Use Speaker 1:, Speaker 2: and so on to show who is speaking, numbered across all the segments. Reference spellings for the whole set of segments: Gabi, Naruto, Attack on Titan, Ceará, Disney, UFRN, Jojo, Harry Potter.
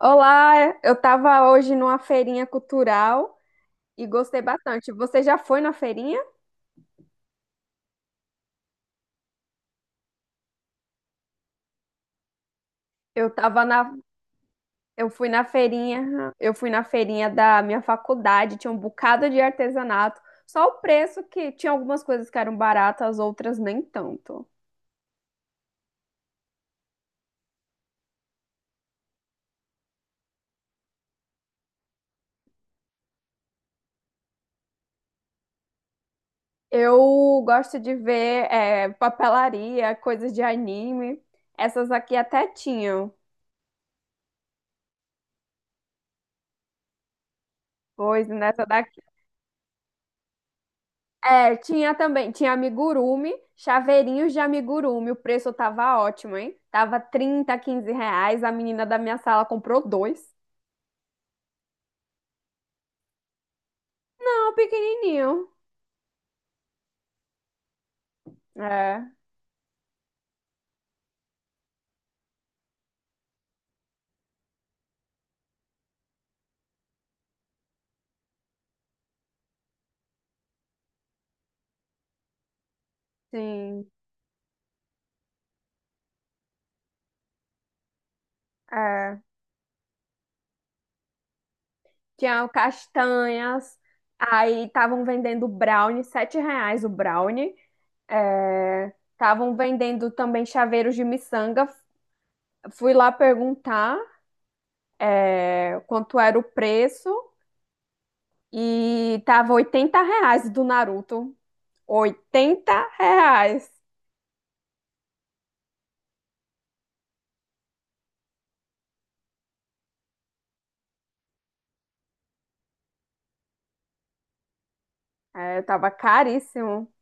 Speaker 1: Olá, eu estava hoje numa feirinha cultural e gostei bastante. Você já foi na feirinha? Eu tava na, eu fui na feirinha, Eu fui na feirinha da minha faculdade. Tinha um bocado de artesanato, só o preço que tinha algumas coisas que eram baratas, outras nem tanto. Eu gosto de ver papelaria, coisas de anime. Essas aqui até tinham, pois nessa daqui... É, tinha também, tinha amigurumi, chaveirinhos de amigurumi. O preço tava ótimo, hein? Tava trinta, 15 reais. A menina da minha sala comprou dois. Não, pequenininho. É, sim. É. Tinha castanhas. Aí estavam vendendo brownie, R$ 7 o brownie. É, estavam vendendo também chaveiros de miçanga. Fui lá perguntar quanto era o preço e tava R$ 80 do Naruto. R$ 80. É, tava caríssimo.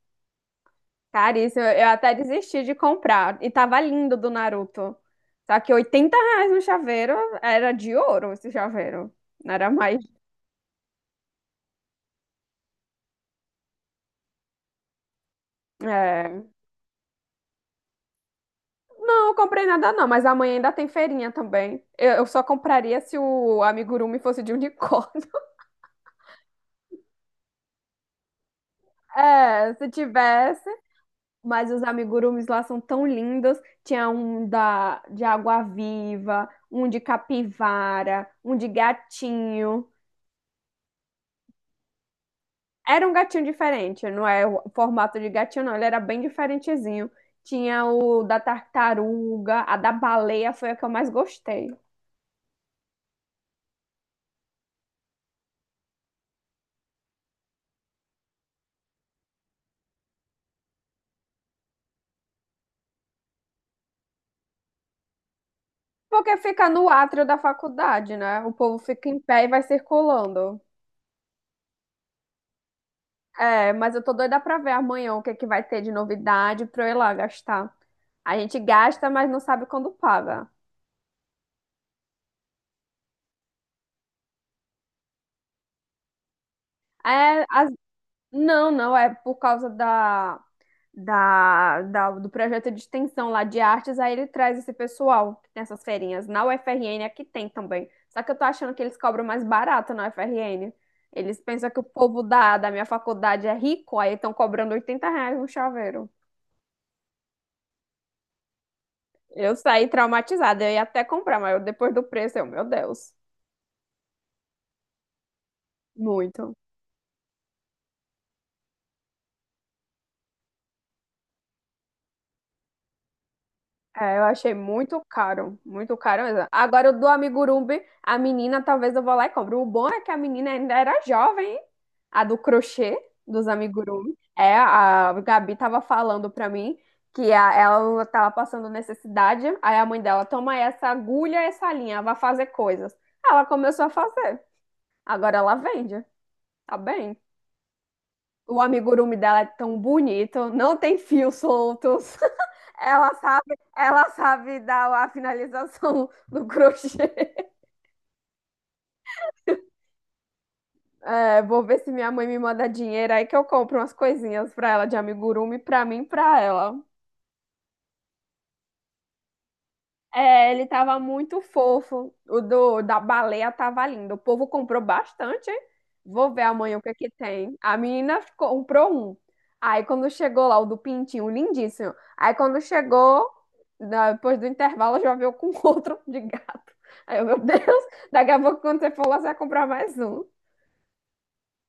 Speaker 1: Caríssimo. Eu até desisti de comprar. E tava lindo do Naruto. Só que R$ 80 no chaveiro, era de ouro esse chaveiro. Não era mais. É. Não, eu comprei nada não, mas amanhã ainda tem feirinha também. Eu só compraria se o amigurumi fosse de unicórnio. É, se tivesse. Mas os amigurumis lá são tão lindos. Tinha um de água-viva, um de capivara, um de gatinho. Era um gatinho diferente, não é o formato de gatinho, não. Ele era bem diferentezinho. Tinha o da tartaruga, a da baleia foi a que eu mais gostei. Porque fica no átrio da faculdade, né? O povo fica em pé e vai circulando. É, mas eu tô doida pra ver amanhã o que que vai ter de novidade pra eu ir lá gastar. A gente gasta, mas não sabe quando paga. É, não, não, é por causa do projeto de extensão lá de artes, aí ele traz esse pessoal que tem essas feirinhas. Na UFRN aqui tem também. Só que eu tô achando que eles cobram mais barato na UFRN. Eles pensam que o povo da minha faculdade é rico, aí estão cobrando R$ 80 um chaveiro. Eu saí traumatizada, eu ia até comprar, mas depois do preço, eu, meu Deus, muito. É, eu achei muito caro mesmo. Agora, o do amigurumi, a menina, talvez eu vou lá e compro. O bom é que a menina ainda era jovem, hein? A do crochê dos amigurumi. É, a Gabi tava falando pra mim que ela tava passando necessidade, aí a mãe dela, toma essa agulha, essa linha, vai fazer coisas. Ela começou a fazer. Agora ela vende, tá bem? O amigurumi dela é tão bonito, não tem fios soltos. Ela sabe dar a finalização do crochê. É, vou ver se minha mãe me manda dinheiro aí que eu compro umas coisinhas pra ela de amigurumi, pra mim e pra ela. É, ele tava muito fofo. O do, da baleia tava lindo. O povo comprou bastante, hein? Vou ver amanhã o que é que tem. A menina comprou um. Aí quando chegou lá, o do pintinho, lindíssimo. Aí quando chegou, depois do intervalo, já veio com outro de gato. Aí eu, meu Deus, daqui a pouco quando você for lá, você vai comprar mais um.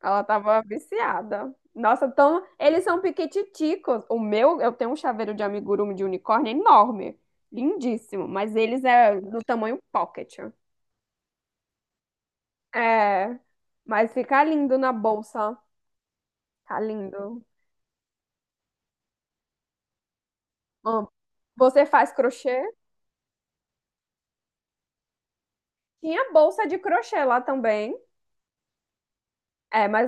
Speaker 1: Ela tava viciada. Nossa, então eles são piquititicos. O meu, eu tenho um chaveiro de amigurumi de unicórnio enorme, lindíssimo, mas eles é do tamanho pocket. É, mas fica lindo na bolsa. Tá lindo. Amo. Você faz crochê? Tinha bolsa de crochê lá também. É, mas,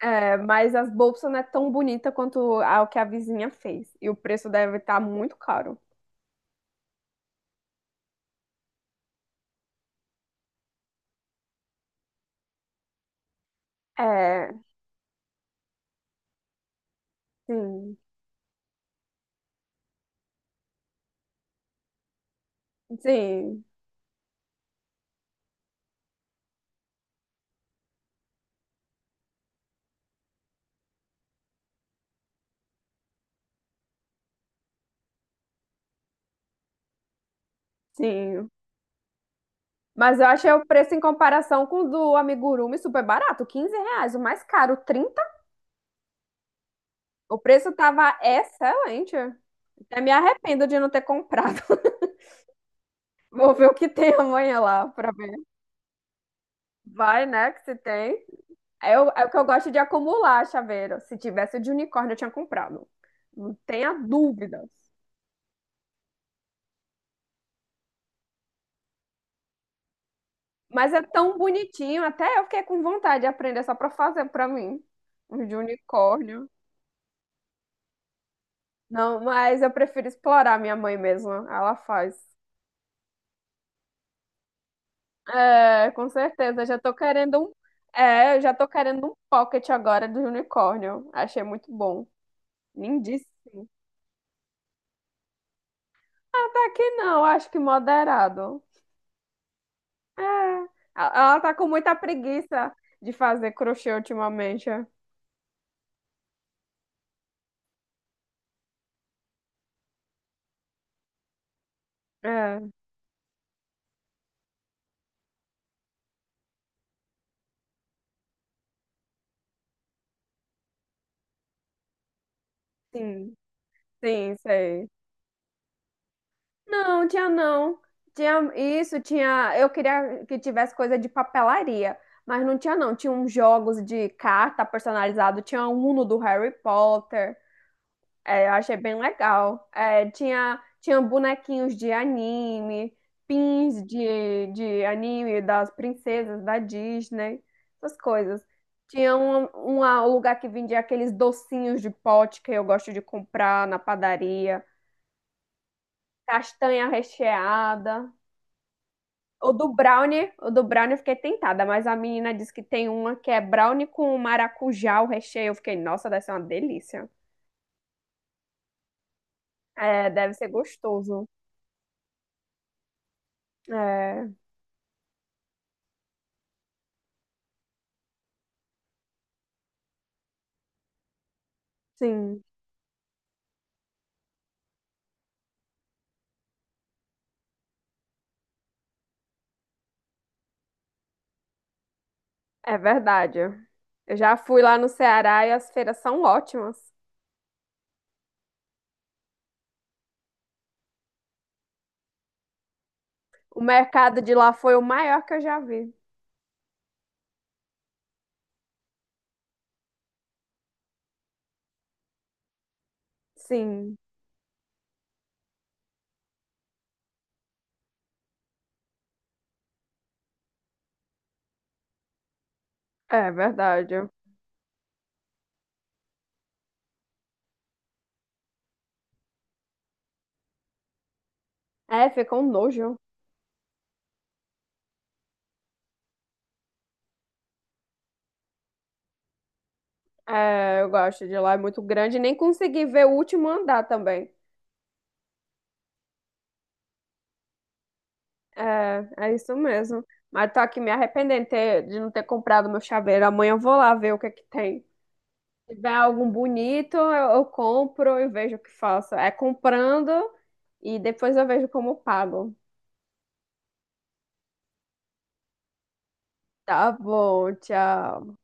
Speaker 1: é, mas as bolsas não é tão bonita quanto a que a vizinha fez. E o preço deve estar muito caro. É, sim, sim, sim. Mas eu achei o preço em comparação com o do amigurumi super barato, R$ 15. O mais caro, 30. O preço tava excelente. Até me arrependo de não ter comprado. Vou ver o que tem amanhã lá pra ver. Vai, né, que se tem. É o, é o que eu gosto de acumular, chaveiro. Se tivesse o de unicórnio, eu tinha comprado. Não tenha dúvidas. Mas é tão bonitinho. Até eu fiquei com vontade de aprender só pra fazer pra mim. Os de unicórnio. Não, mas eu prefiro explorar minha mãe mesmo. Ela faz. É, com certeza. Já tô querendo um. É, eu já tô querendo um pocket agora do unicórnio. Achei muito bom. Lindíssimo. Ah, tá que não, acho que moderado. É. Ela tá com muita preguiça de fazer crochê ultimamente. É, sim, sim, sei. Não, tinha não. Tinha isso, tinha. Eu queria que tivesse coisa de papelaria, mas não tinha não. Tinha uns jogos de carta personalizado, tinha um Uno do Harry Potter. É, eu achei bem legal. É, tinha, tinha bonequinhos de anime, pins de anime das princesas da Disney, essas coisas. Tinha um lugar que vendia aqueles docinhos de pote que eu gosto de comprar na padaria, castanha recheada. O do brownie eu fiquei tentada, mas a menina disse que tem uma que é brownie com maracujá, o recheio. Eu fiquei, nossa, deve ser uma delícia. É, deve ser gostoso. É, sim. É verdade. Eu já fui lá no Ceará e as feiras são ótimas. O mercado de lá foi o maior que eu já vi. Sim, é verdade. É, fica um nojo. É, eu gosto de lá, é muito grande. Nem consegui ver o último andar também. É, é isso mesmo. Mas tô aqui me arrependendo de não ter comprado meu chaveiro. Amanhã eu vou lá ver o que é que tem. Se tiver algum bonito, eu compro e vejo o que faço. É comprando e depois eu vejo como pago. Tá bom, tchau.